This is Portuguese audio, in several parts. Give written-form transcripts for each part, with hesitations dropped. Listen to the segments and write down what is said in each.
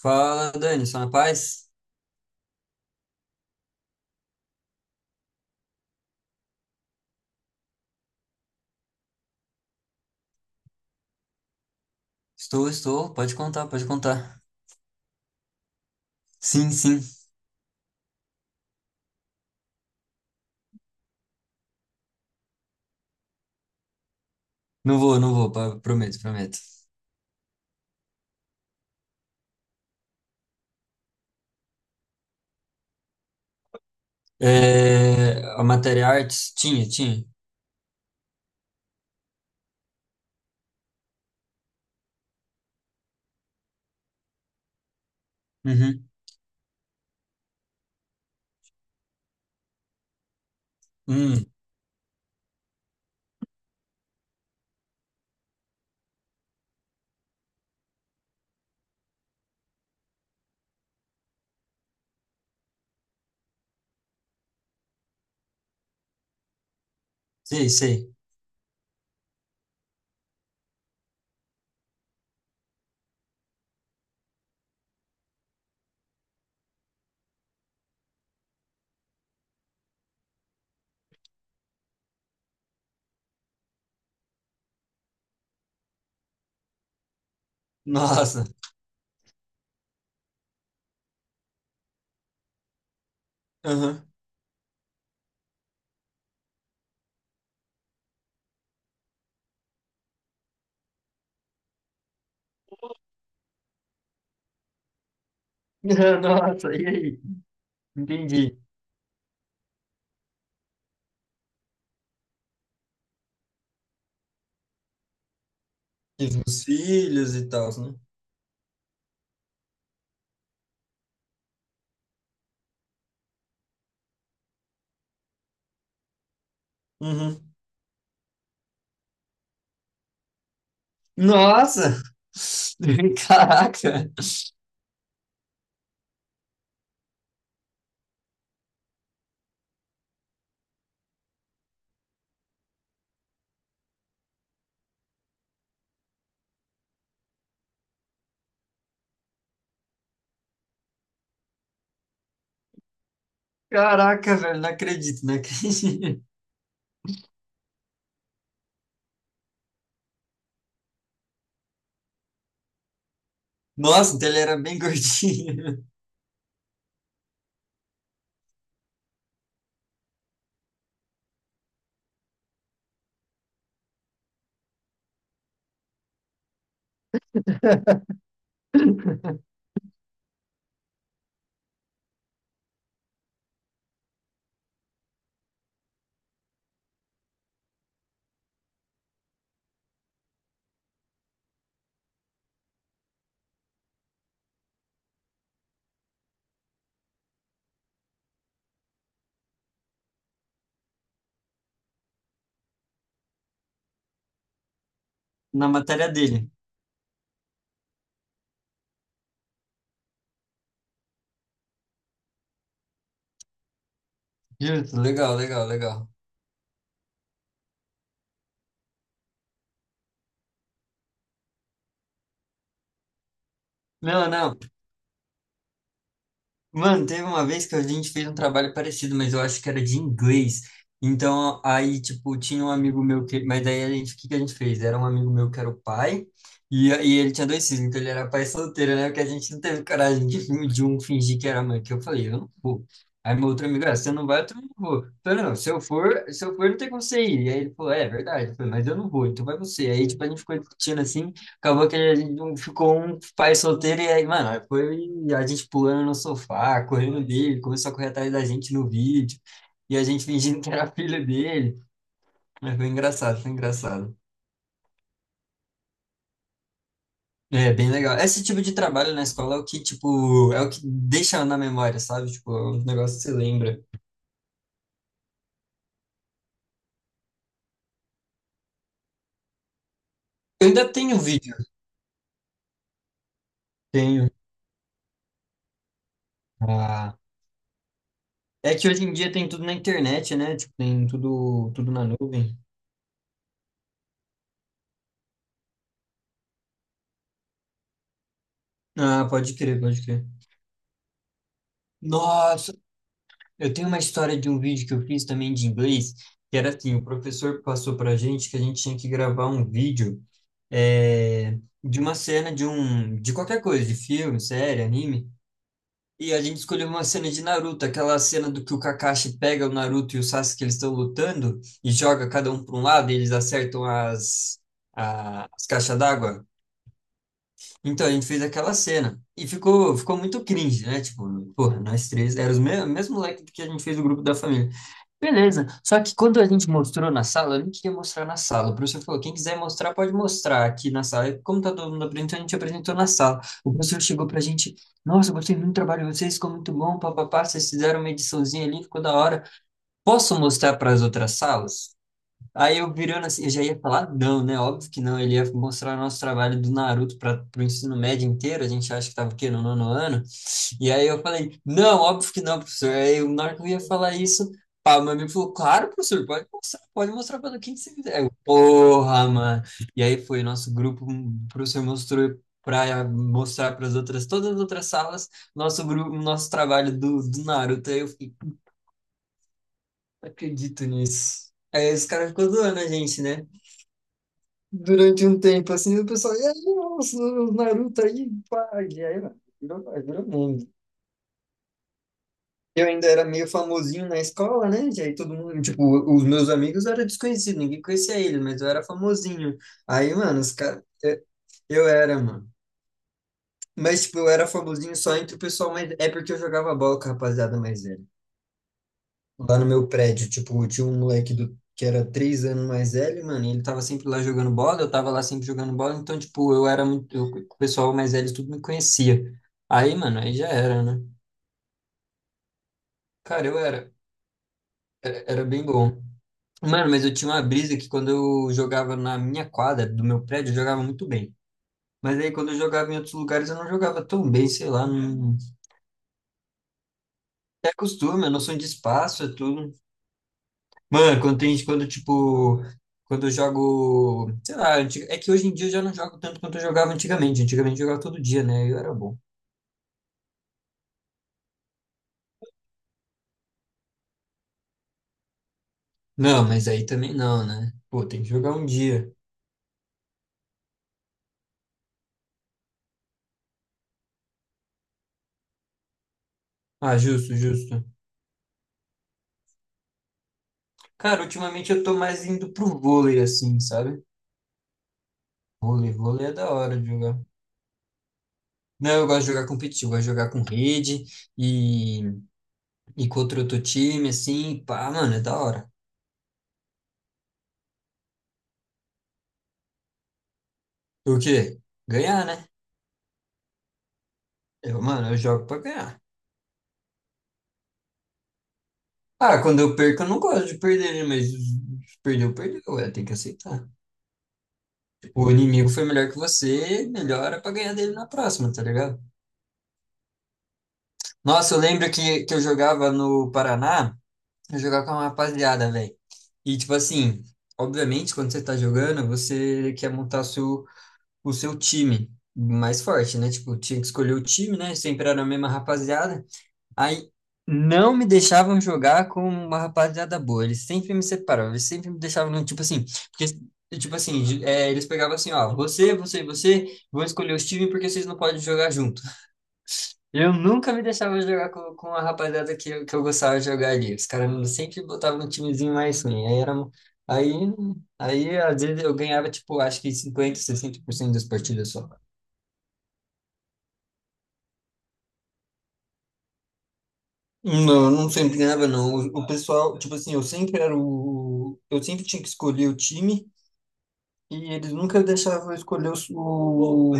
Fala, Dani, só na paz? Estou, estou. Pode contar, pode contar. Sim, sim. Não vou, não vou. Pa- Prometo, prometo. É, a matéria artes? Tinha, tinha. Uhum. Hum, sei, sei. Nossa. Aham. Nossa, e aí? Entendi. Fiz meus filhos e tal, né? Uhum. Nossa! Caraca! Caraca, velho, não acredito, não acredito. Nossa, então ele era bem gordinho. Na matéria dele. Justo, legal, legal, legal. Não, não. Mano, teve uma vez que a gente fez um trabalho parecido, mas eu acho que era de inglês. Então, aí, tipo, tinha um amigo meu que. Mas daí a gente, o que que a gente fez? Era um amigo meu que era o pai, e, ele tinha dois filhos, então ele era pai solteiro, né? Porque a gente não teve coragem de um fingir que era mãe, que eu falei, eu não vou. Aí meu outro amigo, ah, você não vai, eu também não vou. Eu falei, não, se eu for, não tem como você ir. E aí ele falou, é, é verdade. Eu falei, mas eu não vou, então vai você. Aí, tipo, a gente ficou discutindo assim. Acabou que a gente não ficou um pai solteiro e aí, mano, aí foi a gente pulando no sofá, correndo dele, começou a correr atrás da gente no vídeo, e a gente fingindo que era filho dele. Mas foi engraçado, foi engraçado. É, bem legal. Esse tipo de trabalho na escola é o que, tipo, é o que deixa na memória, sabe? Tipo, é um negócio que você lembra. Eu ainda tenho vídeo. Tenho. Ah, é que hoje em dia tem tudo na internet, né? Tipo, tem tudo, tudo na nuvem. Ah, pode crer, pode crer. Nossa, eu tenho uma história de um vídeo que eu fiz também de inglês, que era assim, o professor passou pra gente que a gente tinha que gravar um vídeo eh, de uma cena de um, de qualquer coisa, de filme, série, anime, e a gente escolheu uma cena de Naruto, aquela cena do que o Kakashi pega o Naruto e o Sasuke, eles estão lutando, e joga cada um para um lado, e eles acertam as caixas d'água. Então, a gente fez aquela cena, e ficou, ficou muito cringe, né? Tipo, porra, nós três, era o mesmo moleque que a gente fez o grupo da família. Beleza. Só que quando a gente mostrou na sala, eu nem queria mostrar na sala. O professor falou: quem quiser mostrar, pode mostrar aqui na sala. E como tá todo mundo apresentando, a gente apresentou na sala. O professor chegou pra gente: nossa, eu gostei muito do trabalho de vocês, ficou muito bom, papapá. Vocês fizeram uma ediçãozinha ali, ficou da hora. Posso mostrar para as outras salas? Aí eu virando assim, eu já ia falar, não, né? Óbvio que não. Ele ia mostrar o nosso trabalho do Naruto para o ensino médio inteiro. A gente acha que estava o quê? No nono ano. E aí eu falei, não, óbvio que não, professor. Aí na hora que eu ia falar isso, pá, o meu amigo falou, claro, professor, pode mostrar para quem você quiser. Eu, porra, mano. E aí foi nosso grupo, o professor mostrou para mostrar para as outras, todas as outras salas, nosso grupo, nosso trabalho do, do Naruto. Aí eu fiquei, não acredito nisso. Aí os caras ficam zoando a gente, né? Durante um tempo, assim, o pessoal, e aí, nossa, o Naruto aí, pá, e aí, mano, virou, aí virou meme. Eu ainda era meio famosinho na escola, né? E aí todo mundo, tipo, os meus amigos eram desconhecidos, ninguém conhecia eles, mas eu era famosinho. Aí, mano, os caras, eu era, mano. Mas, tipo, eu era famosinho só entre o pessoal, mas é porque eu jogava bola com a rapaziada mais velha. Lá no meu prédio, tipo, tinha um moleque do, que era 3 anos mais velho, mano, e ele tava sempre lá jogando bola, eu tava lá sempre jogando bola, então, tipo, eu era muito, eu- o pessoal mais velho tudo me conhecia. Aí, mano, aí já era, né? Cara, era bem bom. Mano, mas eu tinha uma brisa que quando eu jogava na minha quadra do meu prédio, eu jogava muito bem. Mas aí quando eu jogava em outros lugares, eu não jogava tão bem, sei lá, não... É costume, é noção de espaço, é tudo. Mano, quando tem, quando tipo, quando eu jogo, sei lá, é que hoje em dia eu já não jogo tanto quanto eu jogava antigamente. Antigamente eu jogava todo dia, né? Eu era bom. Não, mas aí também não, né? Pô, tem que jogar um dia. Ah, justo, justo. Cara, ultimamente eu tô mais indo pro vôlei, assim, sabe? Vôlei, vôlei é da hora de jogar. Não, eu gosto de jogar competitivo, eu gosto de jogar com rede e, e contra outro time, assim, pá, mano, é da hora. O quê? Ganhar, né? Eu, mano, eu jogo pra ganhar. Ah, quando eu perco, eu não gosto de perder, né? Mas perdeu, perdeu. É, tem que aceitar. Tipo, o inimigo foi melhor que você, melhora pra ganhar dele na próxima, tá ligado? Nossa, eu lembro que eu jogava no Paraná, eu jogava com uma rapaziada, velho. E, tipo assim, obviamente, quando você tá jogando, você quer montar o seu time mais forte, né? Tipo, tinha que escolher o time, né? Sempre era a mesma rapaziada. Aí não me deixavam jogar com uma rapaziada boa. Eles sempre me separavam, eles sempre me deixavam, tipo assim, porque, tipo assim, é, eles pegavam assim, ó, você, você e você vão escolher os times porque vocês não podem jogar junto. Eu nunca me deixava jogar com a rapaziada que, que eu gostava de jogar ali. Os caras sempre botavam no timezinho mais ruim. Aí, aí às vezes eu ganhava, tipo, acho que 50, 60% das partidas só. Não, eu não sempre ganhava, não. O pessoal, tipo assim, eu sempre era o. Eu sempre tinha que escolher o time e eles nunca deixavam eu escolher o,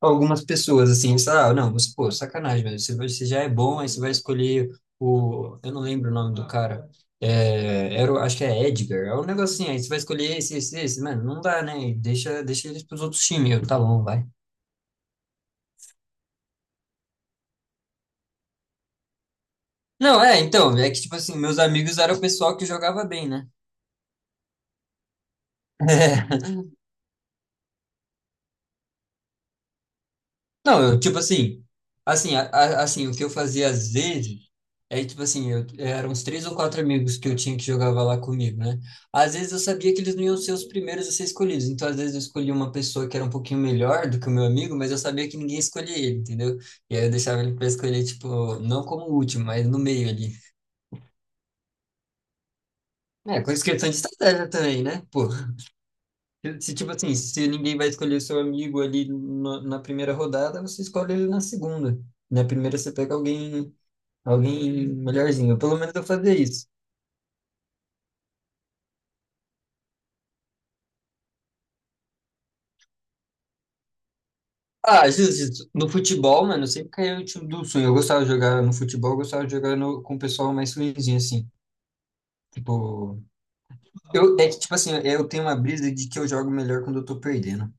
algumas pessoas, assim. Eles falavam, "Ah, não, você, pô, sacanagem, velho. Você, você já é bom, aí você vai escolher o. Eu não lembro o nome do cara. É, era, acho que é Edgar. É um negocinho aí. Você vai escolher esse, esse, esse. Mano, não dá, né? Deixa, deixa eles pros outros times. Eu, tá bom, vai. Não, é, então, é que, tipo assim, meus amigos eram o pessoal que jogava bem, né? Não, eu, tipo assim, assim, o que eu fazia às vezes é, tipo assim, eu, eram uns três ou quatro amigos que eu tinha que jogava lá comigo, né? Às vezes eu sabia que eles não iam ser os primeiros a ser escolhidos, então às vezes eu escolhia uma pessoa que era um pouquinho melhor do que o meu amigo, mas eu sabia que ninguém escolhia ele, entendeu? E aí eu deixava ele pra escolher, tipo, não como o último, mas no meio ali. É, com questão de estratégia também, né? Pô, se se, tipo assim, se ninguém vai escolher o seu amigo ali na primeira rodada, você escolhe ele na segunda. Na primeira você pega alguém. Alguém melhorzinho. Pelo menos eu fazia isso. Ah, justo, justo. No futebol, mano, eu sempre caía no time do sonho. Eu gostava de jogar no futebol, eu gostava de jogar com o pessoal mais ruinzinho, assim. Tipo, eu, é que, tipo assim, eu tenho uma brisa de que eu jogo melhor quando eu tô perdendo.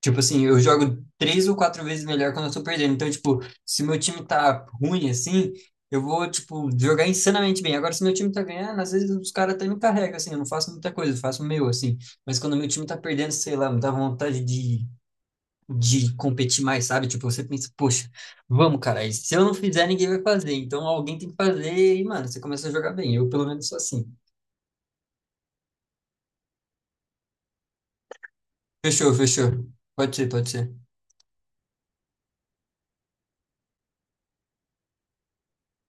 Tipo assim, eu jogo três ou quatro vezes melhor quando eu tô perdendo. Então, tipo, se meu time tá ruim, assim, eu vou, tipo, jogar insanamente bem. Agora, se meu time tá ganhando, às vezes os caras até me carregam, assim, eu não faço muita coisa, eu faço o meu, assim. Mas quando meu time tá perdendo, sei lá, me dá vontade de competir mais, sabe? Tipo, você pensa, poxa, vamos, cara, e se eu não fizer, ninguém vai fazer, então alguém tem que fazer, e, mano, você começa a jogar bem. Eu, pelo menos, sou assim. Fechou, fechou. Pode ser, pode ser.